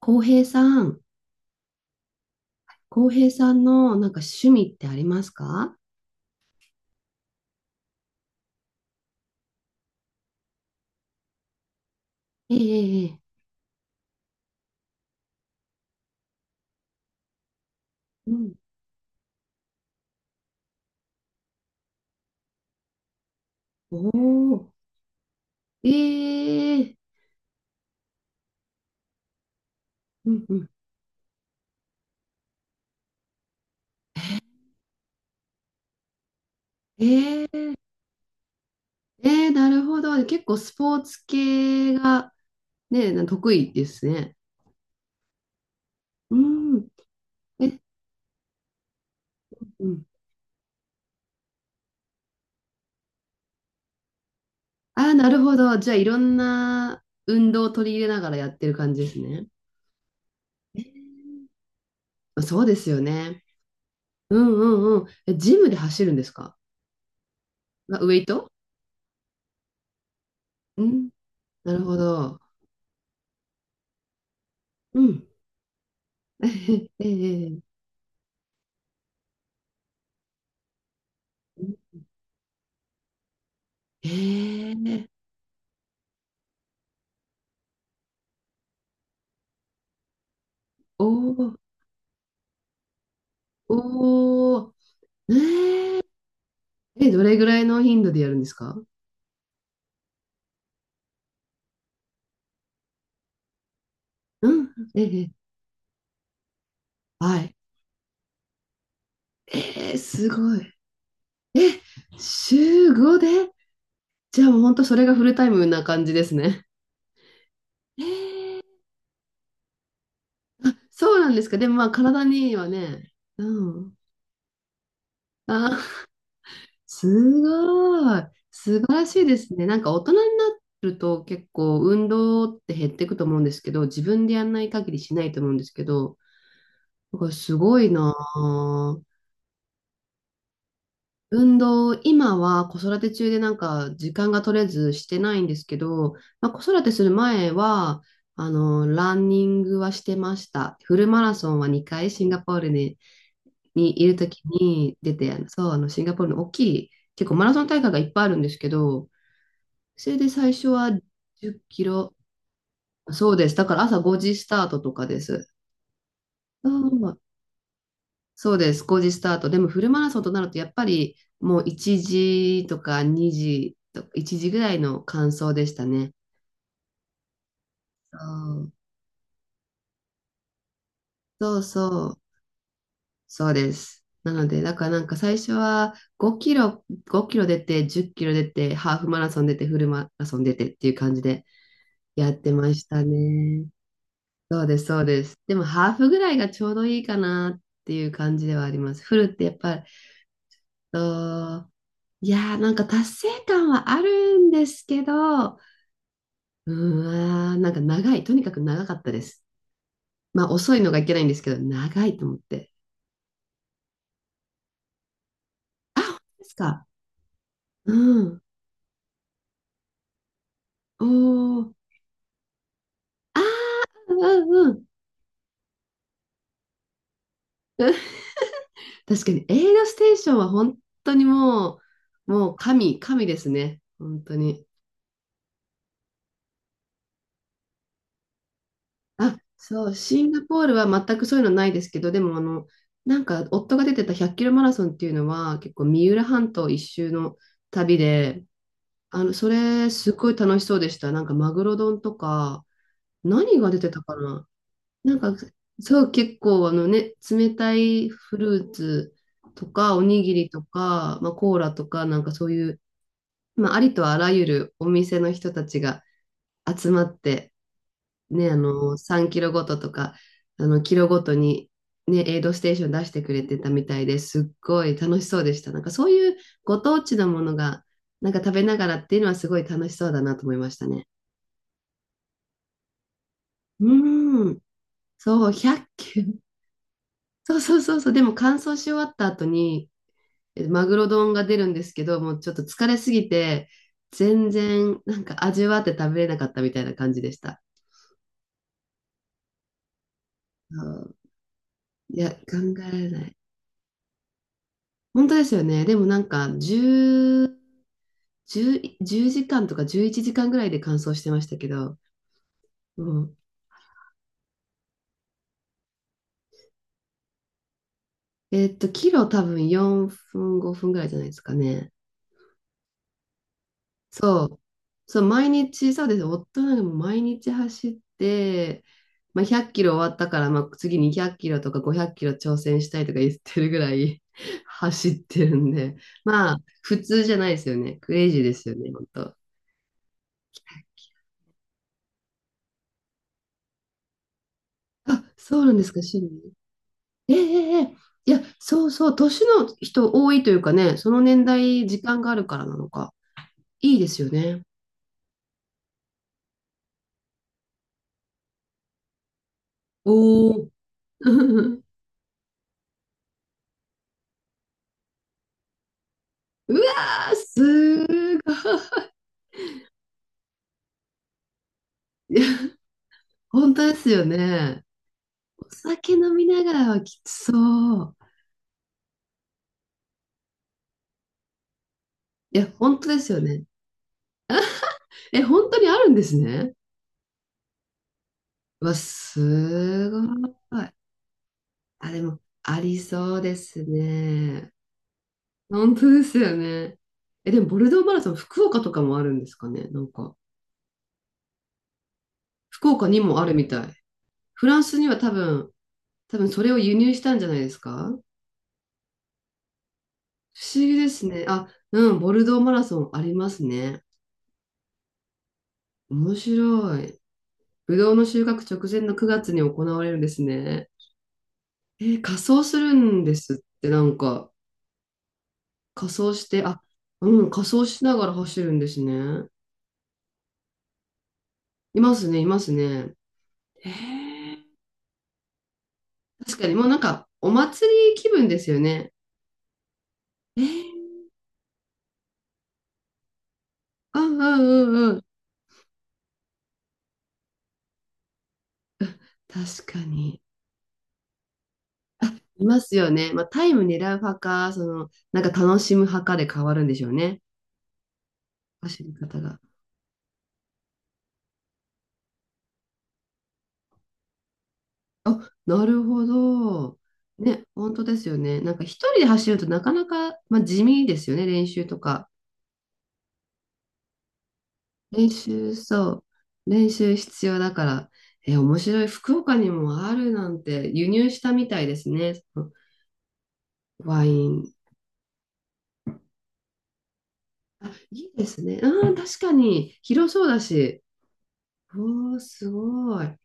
浩平さん、浩平さんのなんか趣味ってありますか？ええええ、うん。おお、ええ、うんうん。ええええ、なるほど。結構スポーツ系が、ね、得意ですね。うん。え、うん。ああ、なるほど。じゃあ、いろんな運動を取り入れながらやってる感じですね。ええ、そうですよね。うんうんうん。え、ジムで走るんですか？あ、ウェイト。うん。なるほど。うん。ええええええ、おお、おー、え、ええ、どれぐらいの頻度でやるんですか？うん、ええ、はい。ええ、すごい。え、週5で、じゃあもう本当それがフルタイムな感じですね。そうなんですか。でもまあ体にはね、うん。あ、すごい。素晴らしいですね。なんか大人になると結構運動って減っていくと思うんですけど、自分でやんない限りしないと思うんですけど、だからすごいなあ。運動、今は子育て中でなんか時間が取れずしてないんですけど、まあ、子育てする前は、ランニングはしてました。フルマラソンは2回シンガポールにいるときに出て、あの、そう、あの、シンガポールの大きい、結構マラソン大会がいっぱいあるんですけど、それで最初は10キロ、そうです。だから朝5時スタートとかです。そう、そうです、5時スタート。でもフルマラソンとなると、やっぱりもう1時とか2時とか1時ぐらいの完走でしたね。そうそうそう、そうです。なので、だからなんか最初は5キロ、5キロ出て、10キロ出て、ハーフマラソン出て、フルマラソン出てっていう感じでやってましたね。そうです、そうです。でもハーフぐらいがちょうどいいかなっていう感じではあります。フルってやっぱり、そう、いやー、なんか達成感はあるんですけど、うーん、なんか長い、とにかく長かったです。まあ遅いのがいけないんですけど、長いと思って。あ、本当ですか。うん。おー、あー、うんうん。確かに、エイドステーションは本当にもう、もう神、神ですね。本当に。あ、そう、シンガポールは全くそういうのないですけど、でもあの、なんか夫が出てた100キロマラソンっていうのは、結構三浦半島一周の旅で、それ、すっごい楽しそうでした。なんか、マグロ丼とか、何が出てたかな。なんか、そう、結構、あのね、冷たいフルーツとか、おにぎりとか、まあ、コーラとか、なんかそういう、まあ、ありとあらゆるお店の人たちが集まって、ね、3キロごととか、キロごとに、ね、エイドステーション出してくれてたみたいですっごい楽しそうでした。なんか、そういうご当地のものが、なんか食べながらっていうのはすごい楽しそうだなと思いましたね。うん。そう、100球。そうそうそうそう。でも乾燥し終わった後に、マグロ丼が出るんですけど、もうちょっと疲れすぎて、全然なんか味わって食べれなかったみたいな感じでした。そう、いや、考えられない。本当ですよね。でもなんか10、1時間とか11時間ぐらいで乾燥してましたけど、うん。キロ多分4分、5分ぐらいじゃないですかね。そう、そう、毎日、そうです。夫なんかもう毎日走って、まあ、100キロ終わったから、まあ、次200キロとか500キロ挑戦したいとか言ってるぐらい 走ってるんで、まあ、普通じゃないですよね。クレイジーですよね、本当。あ、そうなんですか、趣味。ええええ、いや、そうそう、年の人多いというかね、その年代、時間があるからなのか、いいですよね。おお。うわー、すーごい。本当ですよね。お酒飲みながらはきつそう。いや、本当ですよね。え、本当にあるんですね。うわ、すごい。あ、でも、ありそうですね。本当ですよね。え、でも、ボルドーマラソン、福岡とかもあるんですかね。なんか、福岡にもあるみたい。フランスには多分、それを輸入したんじゃないですか。不思議ですね。あ、うん、ボルドーマラソンありますね。面白い。ぶどうの収穫直前の9月に行われるんですね。えー、仮装するんですって。なんか、仮装して、あ、うん、仮装しながら走るんですね。いますね、いますね。えー、確かに、もうなんか、お祭り気分ですよね。えー、うんうんうんうん。確かに。いますよね。まあ、タイム狙う派か、なんか楽しむ派かで変わるんでしょうね。走り方が。あ、なるほど。ね、本当ですよね。なんか一人で走るとなかなか、まあ、地味ですよね、練習とか。練習、そう。練習必要だから。え、面白い。福岡にもあるなんて輸入したみたいですね。そのワイン。あ、いいですね。あー、確かに広そうだし。おー、すごい。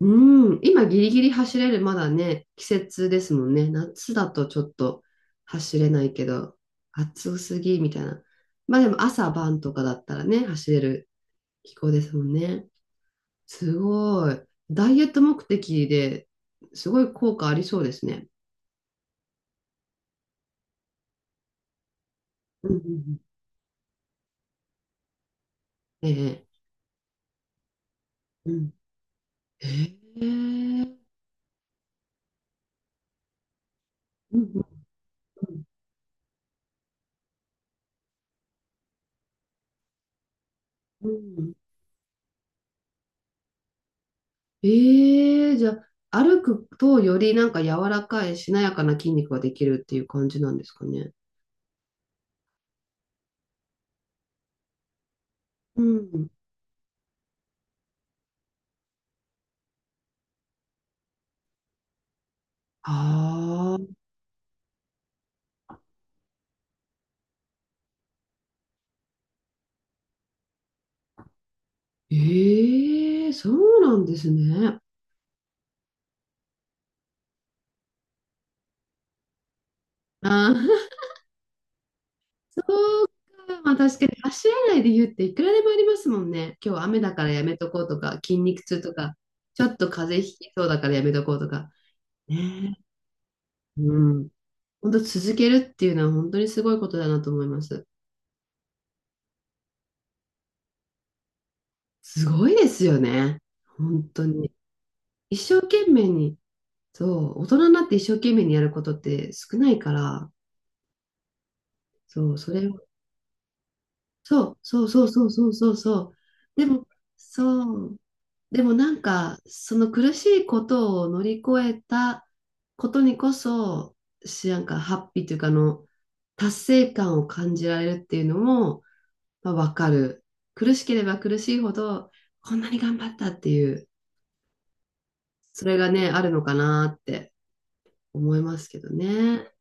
うん、今ギリギリ走れる、まだね、季節ですもんね。夏だとちょっと走れないけど、暑すぎみたいな。まあでも朝晩とかだったらね、走れる気候ですもんね。すごい。ダイエット目的で、すごい効果ありそうですね。うんうんうん。ええ。うん。ええ。うんうんうんうん、ええ、じゃあ、歩くとよりなんか柔らかいしなやかな筋肉ができるっていう感じなんですかね。うん。ああ、ええ、そうなんですね。ああ。まあ確かに足洗いで言うっていくらでもありますもんね。今日雨だからやめとこうとか、筋肉痛とか、ちょっと風邪ひきそうだからやめとこうとか。ねえ。うん。本当続けるっていうのは本当にすごいことだなと思います。すごいですよね。本当に。一生懸命に、そう、大人になって一生懸命にやることって少ないから、そう、それ、そうそうそうそうそうそうそう。でも、そう。でもなんか、その苦しいことを乗り越えたことにこそ、なんかハッピーというか、達成感を感じられるっていうのも、まあ、わかる。苦しければ苦しいほど、こんなに頑張ったっていう、それがね、あるのかなって思いますけどね。